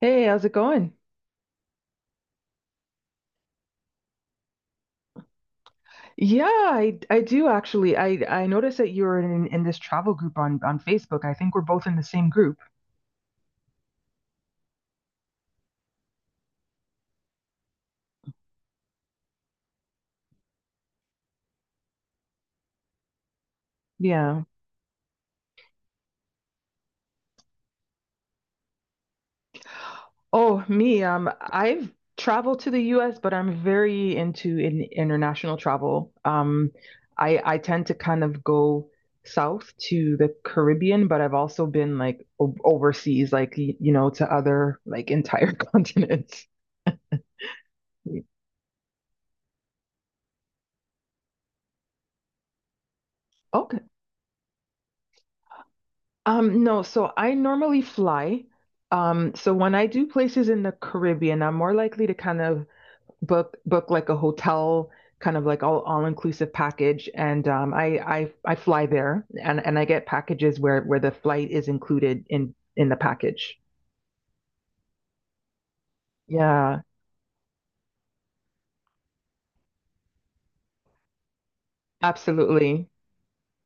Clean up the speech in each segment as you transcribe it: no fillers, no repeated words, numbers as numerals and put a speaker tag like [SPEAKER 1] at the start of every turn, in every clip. [SPEAKER 1] Hey, how's it going? Yeah, I do actually. I noticed that you're in this travel group on Facebook. I think we're both in the same group. Yeah. Oh, me. I've traveled to the U.S., but I'm very into in international travel. I tend to kind of go south to the Caribbean, but I've also been like o overseas, like to other like entire continents. Okay. No, so I normally fly. So when I do places in the Caribbean, I'm more likely to kind of book like a hotel, kind of like all inclusive package, and I fly there, and I get packages where the flight is included in the package. Yeah, absolutely.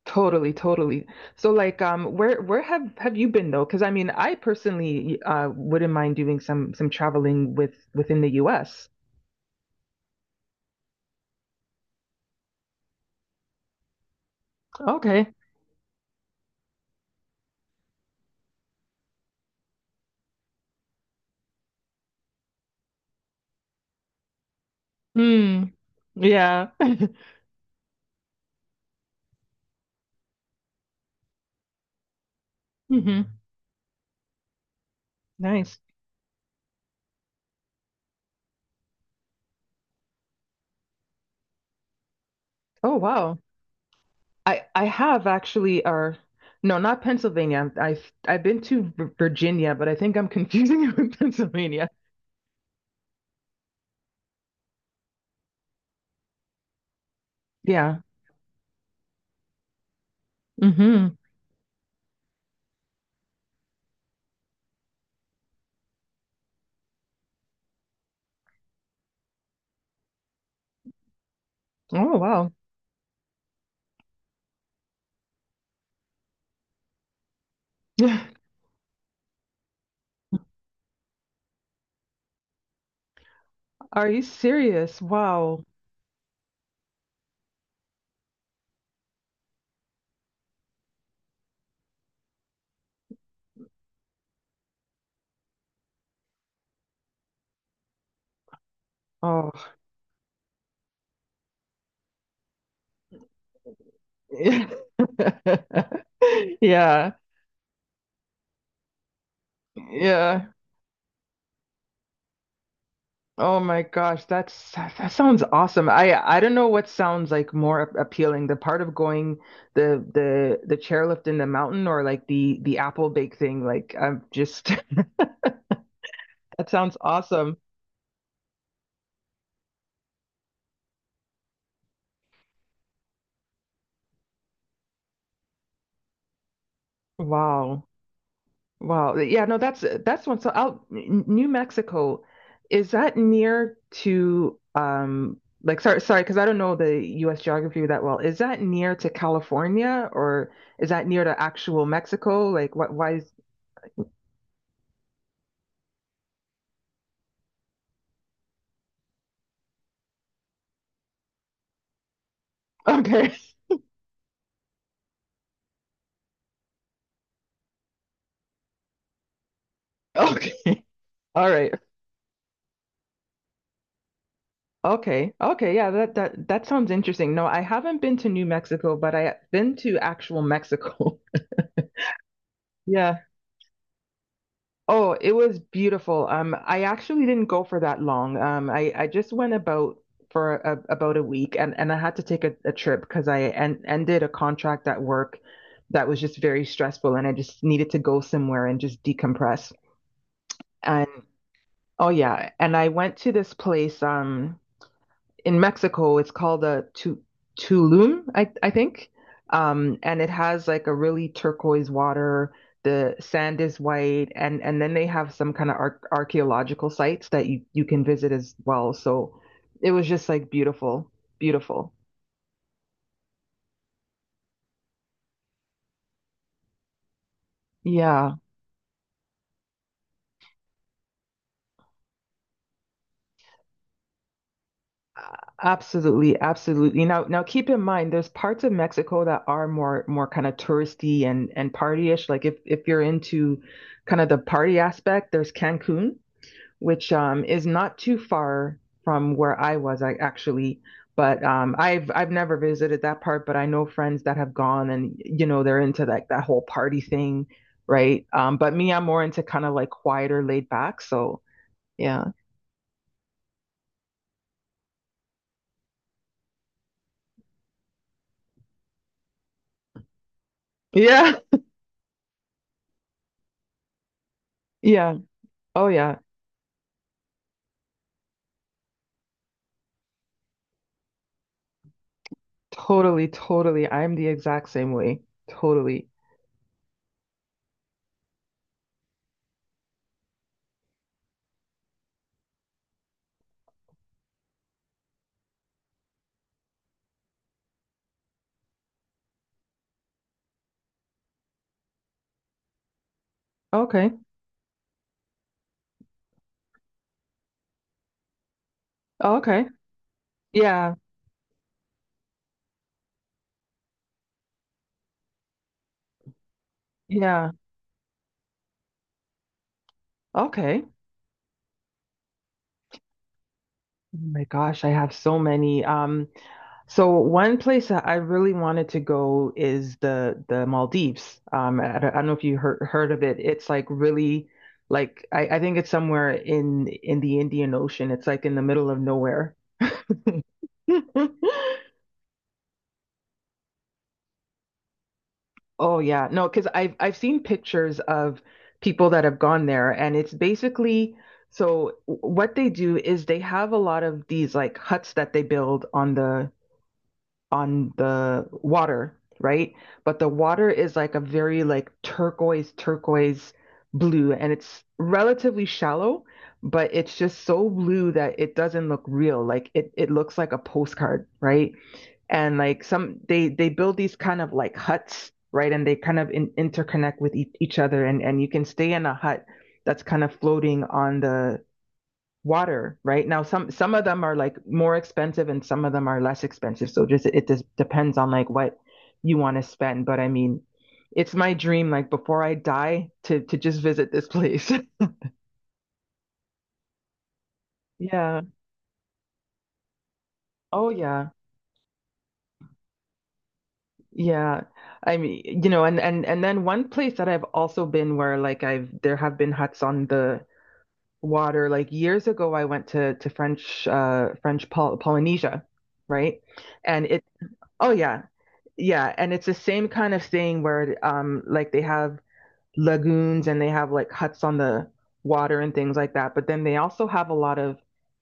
[SPEAKER 1] Totally, totally. So like where have you been though? 'Cause I mean, I personally wouldn't mind doing some traveling with within the US. Okay. Mm, yeah. hmm Nice. Oh, wow. I have actually, or no, not Pennsylvania. I've been to Virginia, but I think I'm confusing it with Pennsylvania. Yeah. hmm Oh, wow. Are you serious? Wow. Oh. Yeah. Yeah. Oh my gosh, that's that sounds awesome. I don't know what sounds like more appealing, the part of going the chairlift in the mountain or like the apple bake thing. Like I'm just that sounds awesome. Wow. Wow. Yeah, no, that's one. So out New Mexico, is that near to like sorry, because I don't know the US geography that well. Is that near to California or is that near to actual Mexico? Like what why is okay. Okay. All right. Okay. Okay. Yeah, that sounds interesting. No, I haven't been to New Mexico, but I've been to actual Mexico. Yeah. Oh, it was beautiful. I actually didn't go for that long. I just went about for about a week, and I had to take a trip because I en ended a contract at work that was just very stressful, and I just needed to go somewhere and just decompress. And oh yeah, and I went to this place. In Mexico, it's called a Tulum, I think. And it has like a really turquoise water. The sand is white, and then they have some kind of ar archaeological sites that you can visit as well. So it was just like beautiful, beautiful. Yeah, absolutely, absolutely. Now now keep in mind, there's parts of Mexico that are more kind of touristy and partyish. Like if you're into kind of the party aspect, there's Cancun, which is not too far from where I was, I actually. But I've never visited that part, but I know friends that have gone, and you know they're into like that whole party thing, right? But me, I'm more into kind of like quieter, laid back. So yeah, yeah, yeah. Oh yeah, totally, totally. I'm the exact same way. Totally. Okay. Okay. Yeah. Yeah. Okay. Oh my gosh, I have so many. So one place that I really wanted to go is the Maldives. I don't know if you heard of it. It's like really like I think it's somewhere in the Indian Ocean. It's like in the middle of nowhere. Oh yeah, no, because I've seen pictures of people that have gone there, and it's basically so what they do is they have a lot of these like huts that they build on the water, right? But the water is like a very like turquoise, turquoise blue, and it's relatively shallow, but it's just so blue that it doesn't look real. Like it looks like a postcard, right? And like some they build these kind of like huts, right? And they kind of interconnect with each other, and you can stay in a hut that's kind of floating on the water. Right now, some of them are like more expensive and some of them are less expensive, so just it just depends on like what you want to spend. But I mean, it's my dream, like before I die, to just visit this place. Yeah. Oh yeah. Yeah, I mean, you know, and then one place that I've also been where like I've there have been huts on the water, like years ago I went to French Polynesia, right? And it oh yeah. Yeah, and it's the same kind of thing where like they have lagoons and they have like huts on the water and things like that, but then they also have a lot of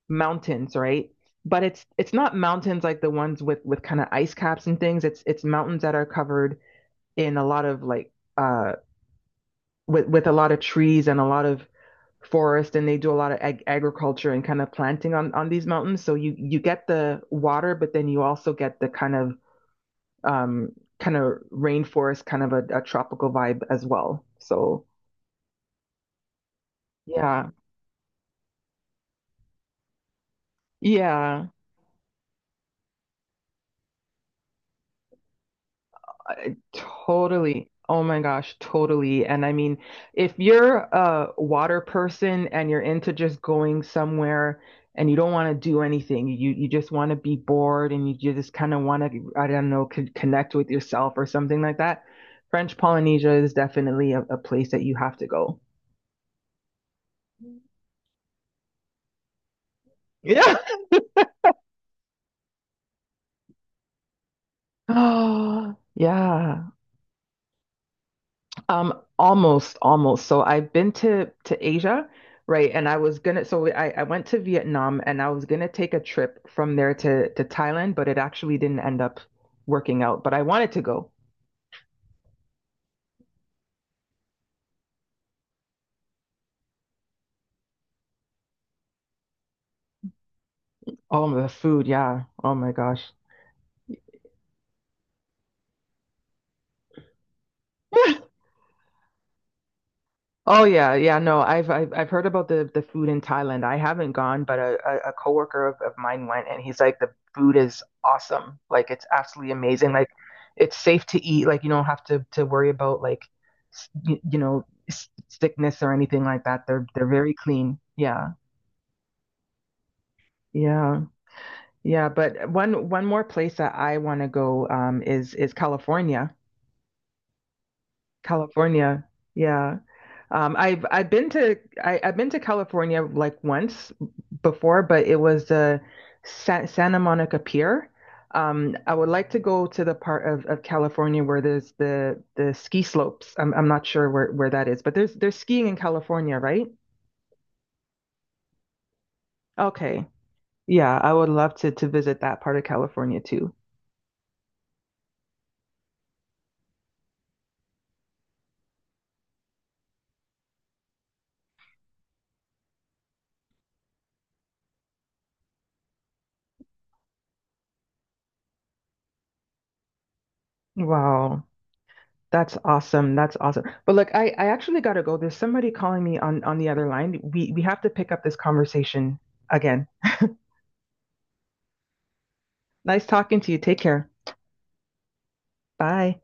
[SPEAKER 1] mountains, right? But it's not mountains like the ones with kind of ice caps and things. It's mountains that are covered in a lot of like uh with a lot of trees and a lot of forest, and they do a lot of agriculture and kind of planting on these mountains, so you get the water, but then you also get the um, kind of rainforest, kind of a tropical vibe as well. So yeah, yeah, totally. Oh my gosh, totally. And I mean, if you're a water person and you're into just going somewhere and you don't want to do anything, you just want to be bored and you just kind of want to, I don't know, connect with yourself or something like that, French Polynesia is definitely a place that you have to go. Yeah. Oh, yeah. Almost, almost. So I've been to Asia, right? And I was gonna, so I went to Vietnam, and I was gonna take a trip from there to Thailand, but it actually didn't end up working out. But I wanted to go. Oh, the food, yeah. Oh my gosh. Oh yeah, yeah. No, I've heard about the food in Thailand. I haven't gone, but a coworker of mine went, and he's like, the food is awesome. Like it's absolutely amazing. Like it's safe to eat. Like you don't have to worry about like you know, sickness or anything like that. They're very clean. Yeah, yeah, yeah. But one more place that I want to go is California. California. Yeah. I've been to I've been to California like once before, but it was the Sa Santa Monica Pier. I would like to go to the part of California where there's the ski slopes. I'm not sure where that is, but there's skiing in California, right? Okay. Yeah, I would love to visit that part of California too. Wow. That's awesome. That's awesome. But look, I actually got to go. There's somebody calling me on the other line. We have to pick up this conversation again. Nice talking to you. Take care. Bye.